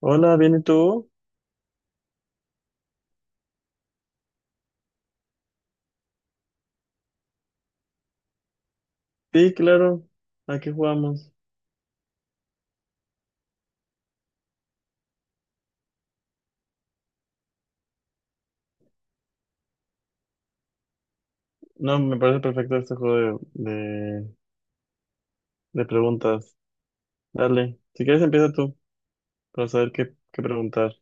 Hola, ¿bien y tú? Sí, claro. Aquí jugamos. No, me parece perfecto este juego de, de preguntas. Dale. Si quieres empieza tú para saber qué preguntar.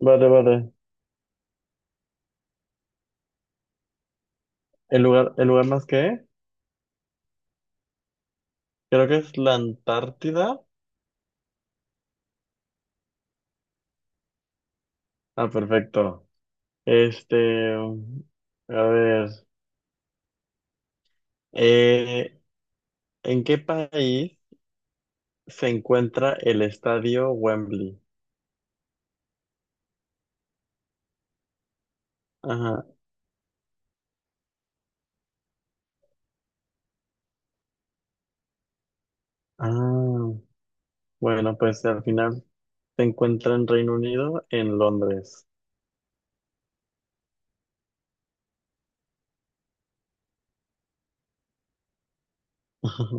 Vale, vale. ¿El lugar más que? Creo que es la Antártida. Ah, perfecto. Este, a ver. eh, ¿en qué país se encuentra el estadio Wembley? Ajá. Ah, bueno, pues al final. Se encuentra en Reino Unido, en Londres. Ajá.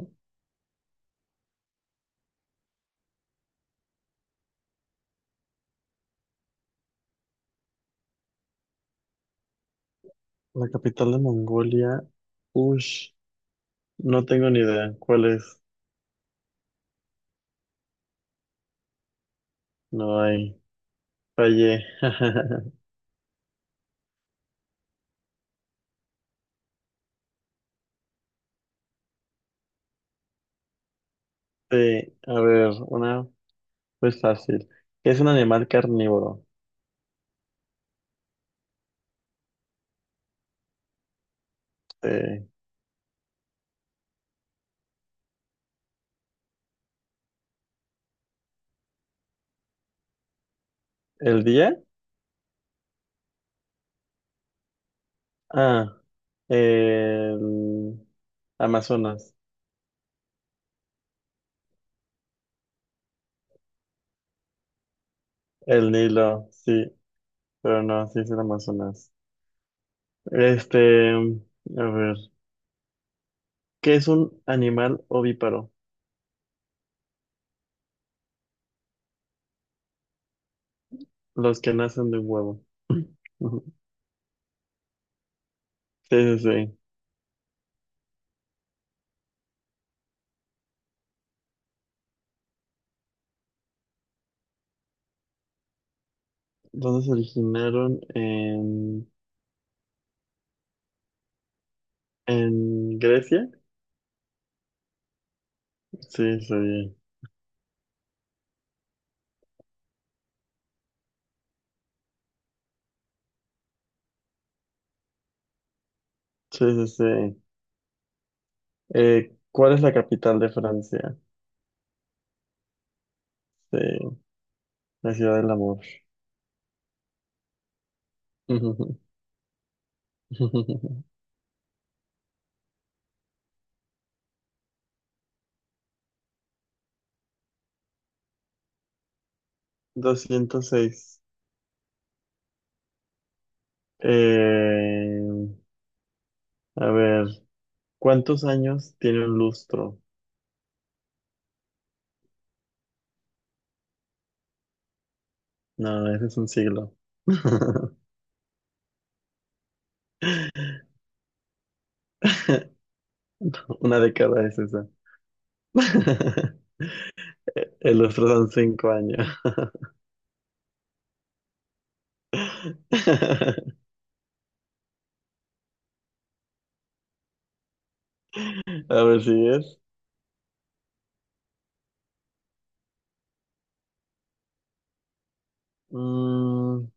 La capital de Mongolia. Ush, no tengo ni idea cuál es. No hay. Fallé. Sí, a ver, una pues fácil. ¿Qué es un animal carnívoro? Eh, ¿el día? Ah, el Amazonas. El Nilo, sí, pero no, sí es el Amazonas. Este, a ver, ¿qué es un animal ovíparo? Los que nacen de un huevo. Ujú. Sí, sí, sí. ¿Dónde se originaron? En Grecia. Sí, sí. Sí, sí, sí. ¿Cuál es la capital de Francia? Sí, la ciudad del amor. 206. Eh, a ver, ¿cuántos años tiene un lustro? No, ese es un siglo. Una década es esa. El lustro son cinco años. A ver si es. Mm,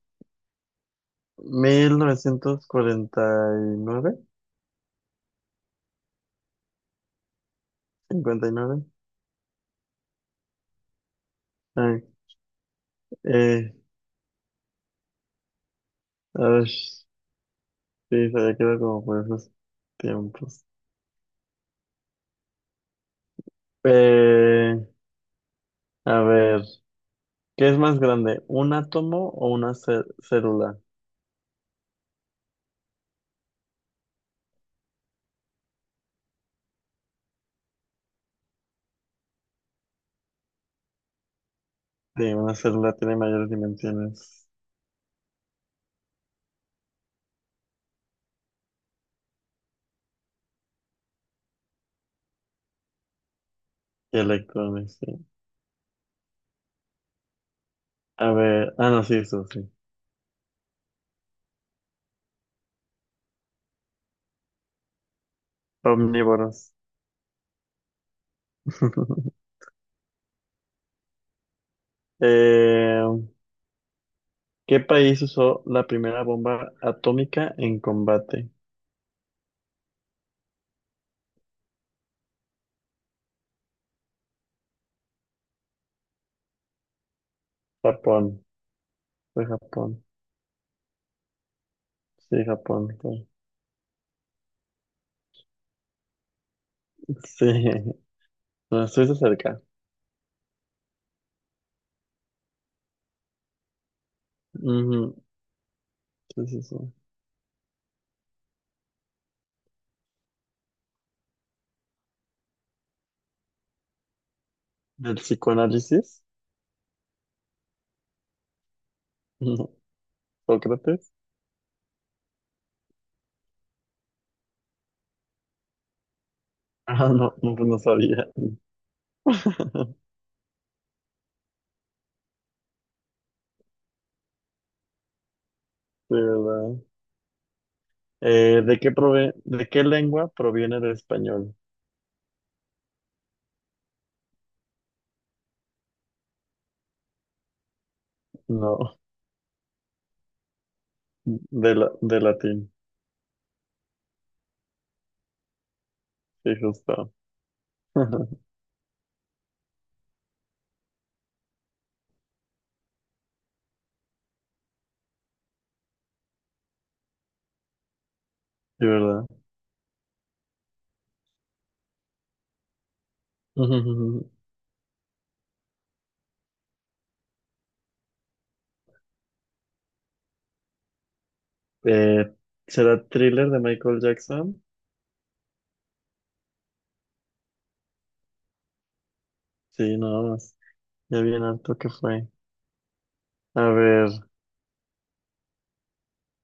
1949, 59. Ay, eh, a ver, sí, se había quedado como por esos tiempos. Eh, a ver, ¿qué es más grande, un átomo o una célula? Sí, una célula tiene mayores dimensiones que electrones, sí. A ver, ah, no, sí, eso sí. Omnívoros. Eh, ¿Qué país usó la primera bomba atómica en combate? Japón. Fue Japón. Sí, Japón fue. Sí. No, estuviste cerca. Ujú. Sí, sí, sí. ¿Del psicoanálisis? No. ¿Sócrates? Ah, no, no, pues no sabía. Sí, ¿verdad? ¿De qué de qué lengua proviene el español? No, de latín. Sí, justo. Sí, ¿verdad? Eh, ¿será Thriller de Michael Jackson? Sí, nada más. Ya bien harto que fue. A ver,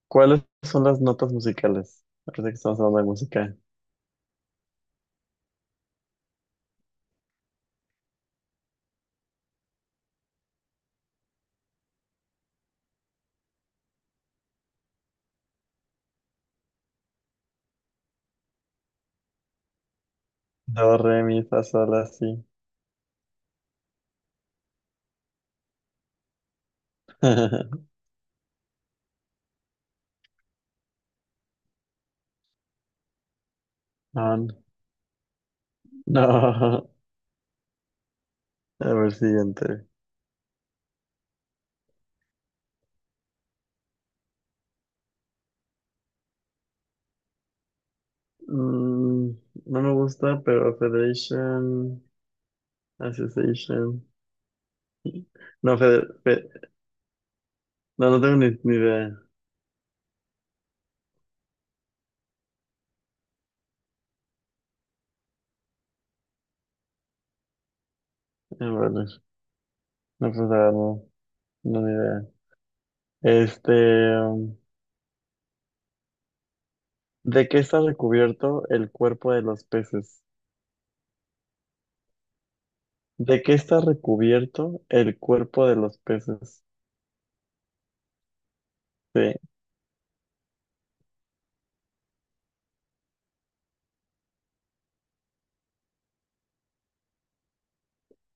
¿cuáles son las notas musicales? Parece que estamos hablando de música. Do, re, mi, fa, sol, la, si. No, no. No. A ver, siguiente. Mm, no me gusta, pero Federation, Association. No, no, no tengo ni idea. A ver, no, pues, ah, no, no, ni idea. Este, um, ¿de qué está recubierto el cuerpo de los peces? ¿De qué está recubierto el cuerpo de los peces? Sí,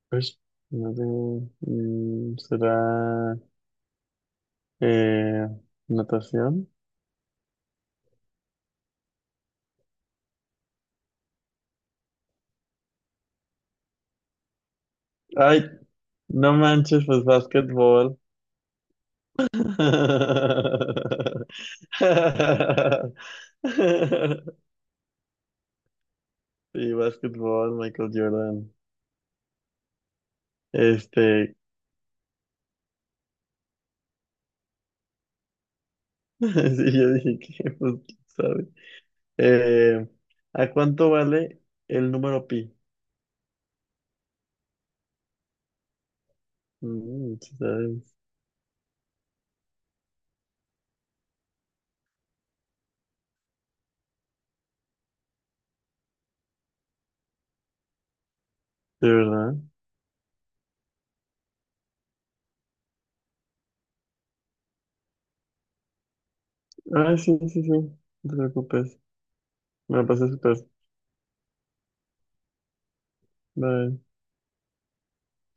pues, no sé, ¿será eh, natación? Ay, no manches, pues básquetbol. Sí, básquetbol, Michael Jordan. Este, sí, yo dije que, pues, quién sabe. Eh, ¿a cuánto vale el número pi? Mm, sí, sabes, de verdad. Ah, sí, sí, sí. No te preocupes. Me la pasé súper. Bye.